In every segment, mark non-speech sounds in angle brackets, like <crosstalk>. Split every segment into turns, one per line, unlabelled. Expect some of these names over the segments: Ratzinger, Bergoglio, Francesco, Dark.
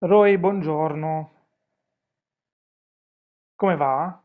Roy, buongiorno, come va?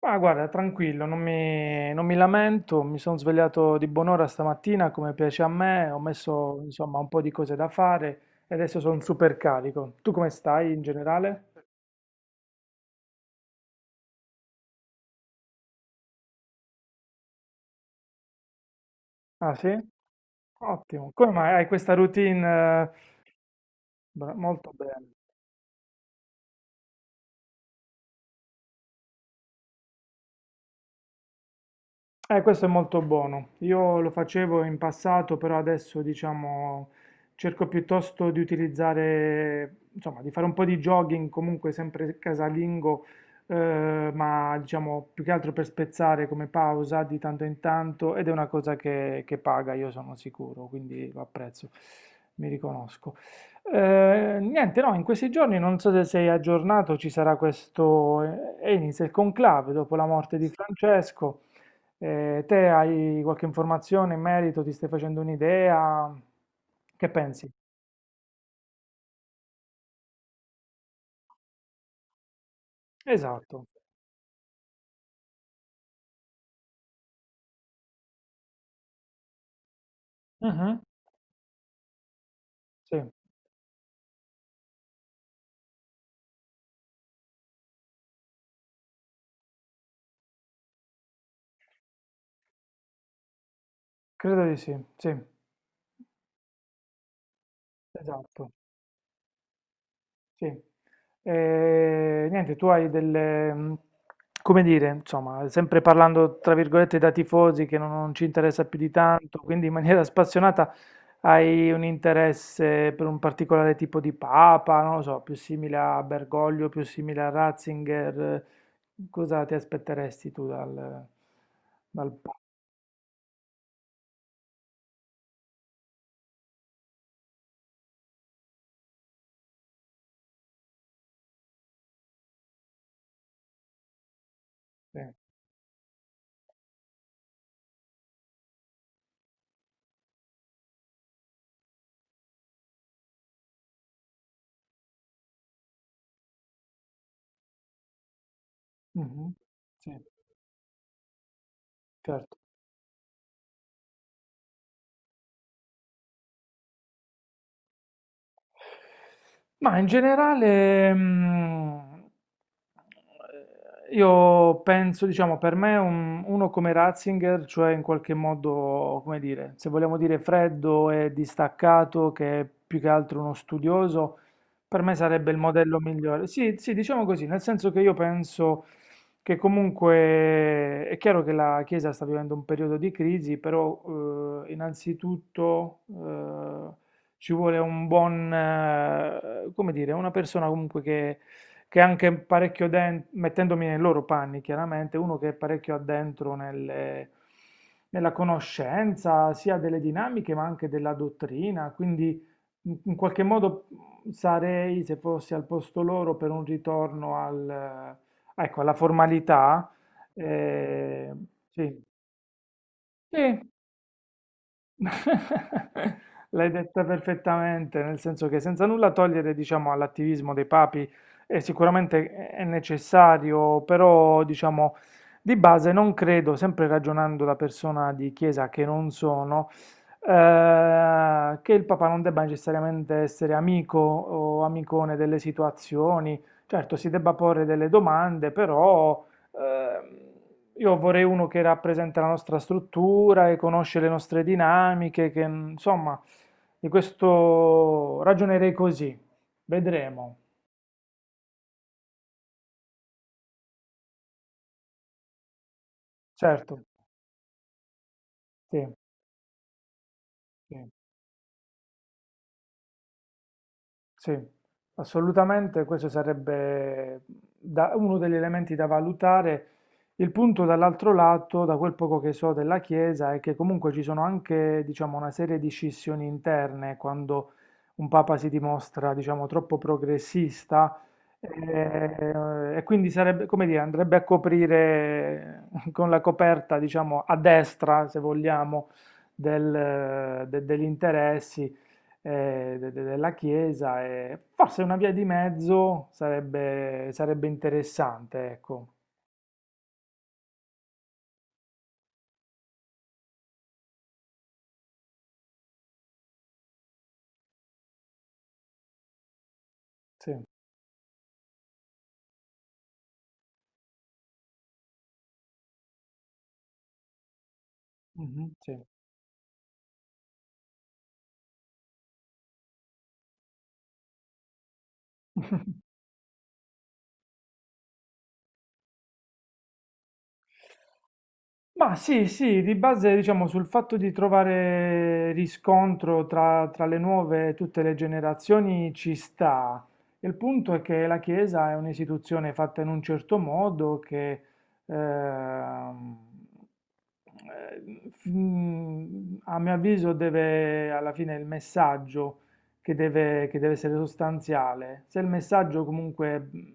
Ma guarda, tranquillo, non mi lamento, mi sono svegliato di buon'ora stamattina come piace a me, ho messo insomma un po' di cose da fare e adesso sono super carico. Tu come stai in generale? Ah sì? Ottimo, come mai hai questa routine? eh, Molto bene. Questo è molto buono. Io lo facevo in passato, però adesso diciamo cerco piuttosto di utilizzare, insomma, di fare un po' di jogging, comunque sempre casalingo, ma diciamo più che altro per spezzare come pausa di tanto in tanto ed è una cosa che paga, io sono sicuro, quindi lo apprezzo, mi riconosco. Niente, no, in questi giorni non so se sei aggiornato, ci sarà questo, e inizia il conclave dopo la morte di Francesco. Te hai qualche informazione in merito? Ti stai facendo un'idea? Che pensi? Esatto. Mhm. Sì, credo di sì, sì, esatto. Sì. E, niente, tu hai delle, come dire, insomma, sempre parlando tra virgolette da tifosi che non ci interessa più di tanto, quindi in maniera <laughs> spassionata hai un interesse per un particolare tipo di papa, non lo so, più simile a Bergoglio, più simile a Ratzinger, cosa ti aspetteresti tu dal papa? Mhm. Sì, certo. Ma in generale, io penso, diciamo, per me uno come Ratzinger, cioè in qualche modo, come dire, se vogliamo dire freddo e distaccato, che è più che altro uno studioso, per me sarebbe il modello migliore. Sì, sì, diciamo così, nel senso che io penso che comunque è chiaro che la Chiesa sta vivendo un periodo di crisi, però innanzitutto ci vuole un buon, come dire, una persona comunque che è anche parecchio dentro, mettendomi nei loro panni chiaramente, uno che è parecchio addentro nella conoscenza sia delle dinamiche ma anche della dottrina, quindi in qualche modo sarei, se fossi al posto loro, per un ritorno ecco, alla formalità. eh, sì, sì. <laughs> L'hai detta perfettamente, nel senso che senza nulla togliere, diciamo, all'attivismo dei papi, sicuramente è necessario, però, diciamo, di base non credo, sempre ragionando da persona di chiesa che non sono, che il papa non debba necessariamente essere amico o amicone delle situazioni. Certo, si debba porre delle domande, però ehm, io vorrei uno che rappresenta la nostra struttura e conosce le nostre dinamiche, che insomma, di questo ragionerei così. Vedremo. Certo, sì, sì. Sì, assolutamente, questo sarebbe uno degli elementi da valutare. Il punto dall'altro lato, da quel poco che so della Chiesa, è che comunque ci sono anche, diciamo, una serie di scissioni interne quando un papa si dimostra, diciamo, troppo progressista e quindi sarebbe, come dire, andrebbe a coprire <laughs> con la coperta, diciamo, a destra, se vogliamo, degli interessi eh, della Chiesa e forse una via di mezzo sarebbe interessante, ecco. Sì. Mhm, sì. Ma sì, sì, di base diciamo sul fatto di trovare riscontro tra le nuove e tutte le generazioni ci sta. Il punto è che la Chiesa è un'istituzione fatta in un certo modo che ehm, eh, a mio avviso deve, alla fine il messaggio che deve essere sostanziale. Se il messaggio comunque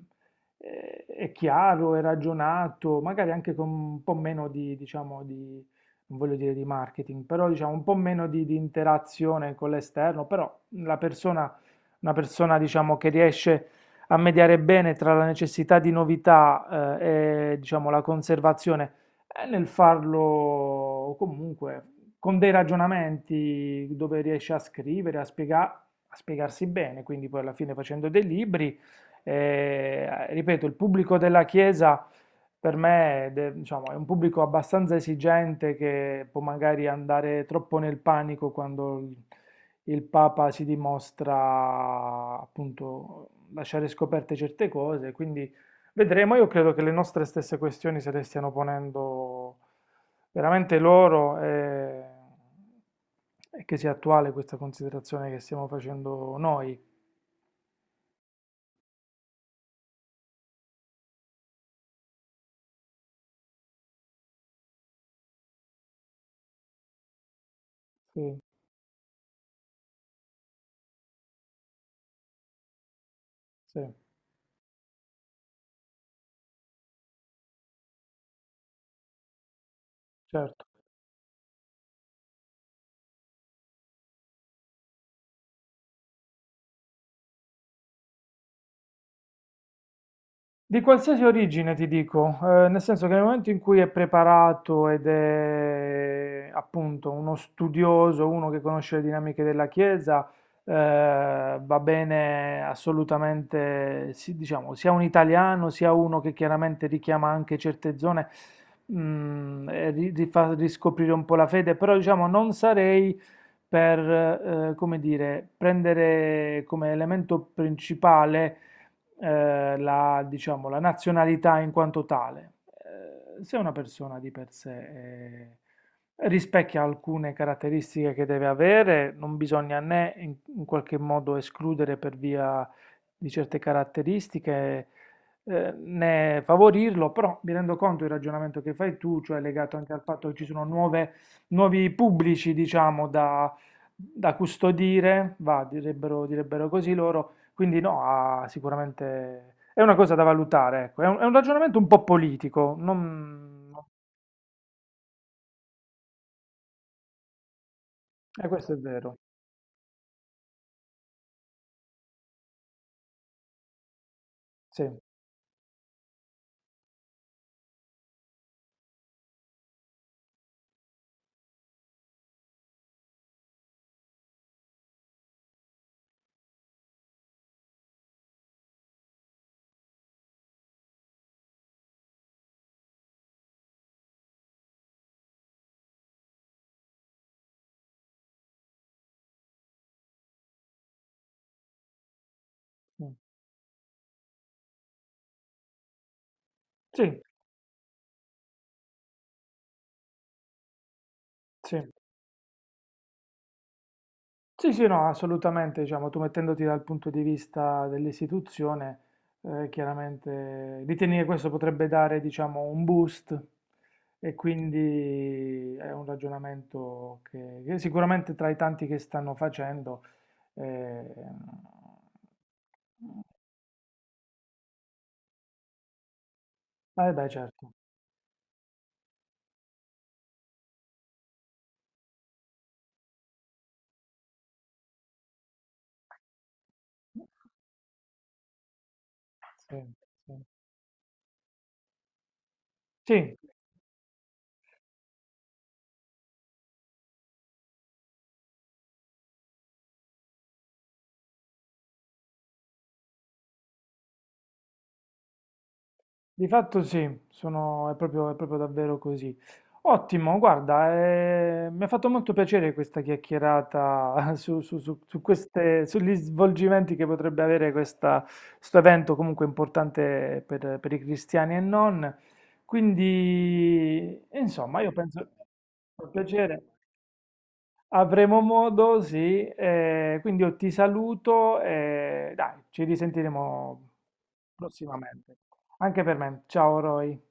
è chiaro, è ragionato, magari anche con un po' meno diciamo, non voglio dire di marketing, però diciamo un po' meno di interazione con l'esterno, però la persona, una persona diciamo che riesce a mediare bene tra la necessità di novità, e diciamo la conservazione, è nel farlo comunque con dei ragionamenti dove riesce a scrivere, a spiegarsi bene, quindi poi alla fine facendo dei libri ripeto, il pubblico della Chiesa per me diciamo, è un pubblico abbastanza esigente che può magari andare troppo nel panico quando il Papa si dimostra appunto lasciare scoperte certe cose, quindi vedremo. Io credo che le nostre stesse questioni se le stiano ponendo veramente loro e che sia attuale questa considerazione che stiamo facendo noi. Sì, sì, certo. Di qualsiasi origine ti dico, nel senso che nel momento in cui è preparato ed è appunto uno studioso, uno che conosce le dinamiche della Chiesa, va bene assolutamente, sì, diciamo, sia un italiano sia uno che chiaramente richiama anche certe zone, mm, e fa riscoprire un po' la fede, però diciamo non sarei per, come dire, prendere come elemento principale diciamo, la nazionalità in quanto tale. Se una persona di per sé rispecchia alcune caratteristiche che deve avere, non bisogna né in qualche modo escludere per via di certe caratteristiche, né favorirlo, però mi rendo conto il ragionamento che fai tu, cioè legato anche al fatto che ci sono nuovi pubblici, diciamo, da, da custodire, va, direbbero, direbbero così loro, quindi no, ha sicuramente è una cosa da valutare, ecco. È un ragionamento un po' politico, non questo è vero, sì, mm. Sì, sì, sì, sì, no, assolutamente, diciamo, tu mettendoti dal punto di vista dell'istituzione, chiaramente ritieni che questo potrebbe dare, diciamo, un boost e quindi è un ragionamento che sicuramente tra i tanti che stanno facendo, eh, eh beh, certo. Sì, sì. Sì, di fatto sì, è proprio davvero così. Ottimo, guarda, mi ha fatto molto piacere questa chiacchierata <laughs> sugli svolgimenti che potrebbe avere questo evento comunque importante per i cristiani e non. Quindi, insomma, io penso, con piacere, avremo modo, sì, quindi io ti saluto e dai, ci risentiremo prossimamente. Anche per me, ciao Roy.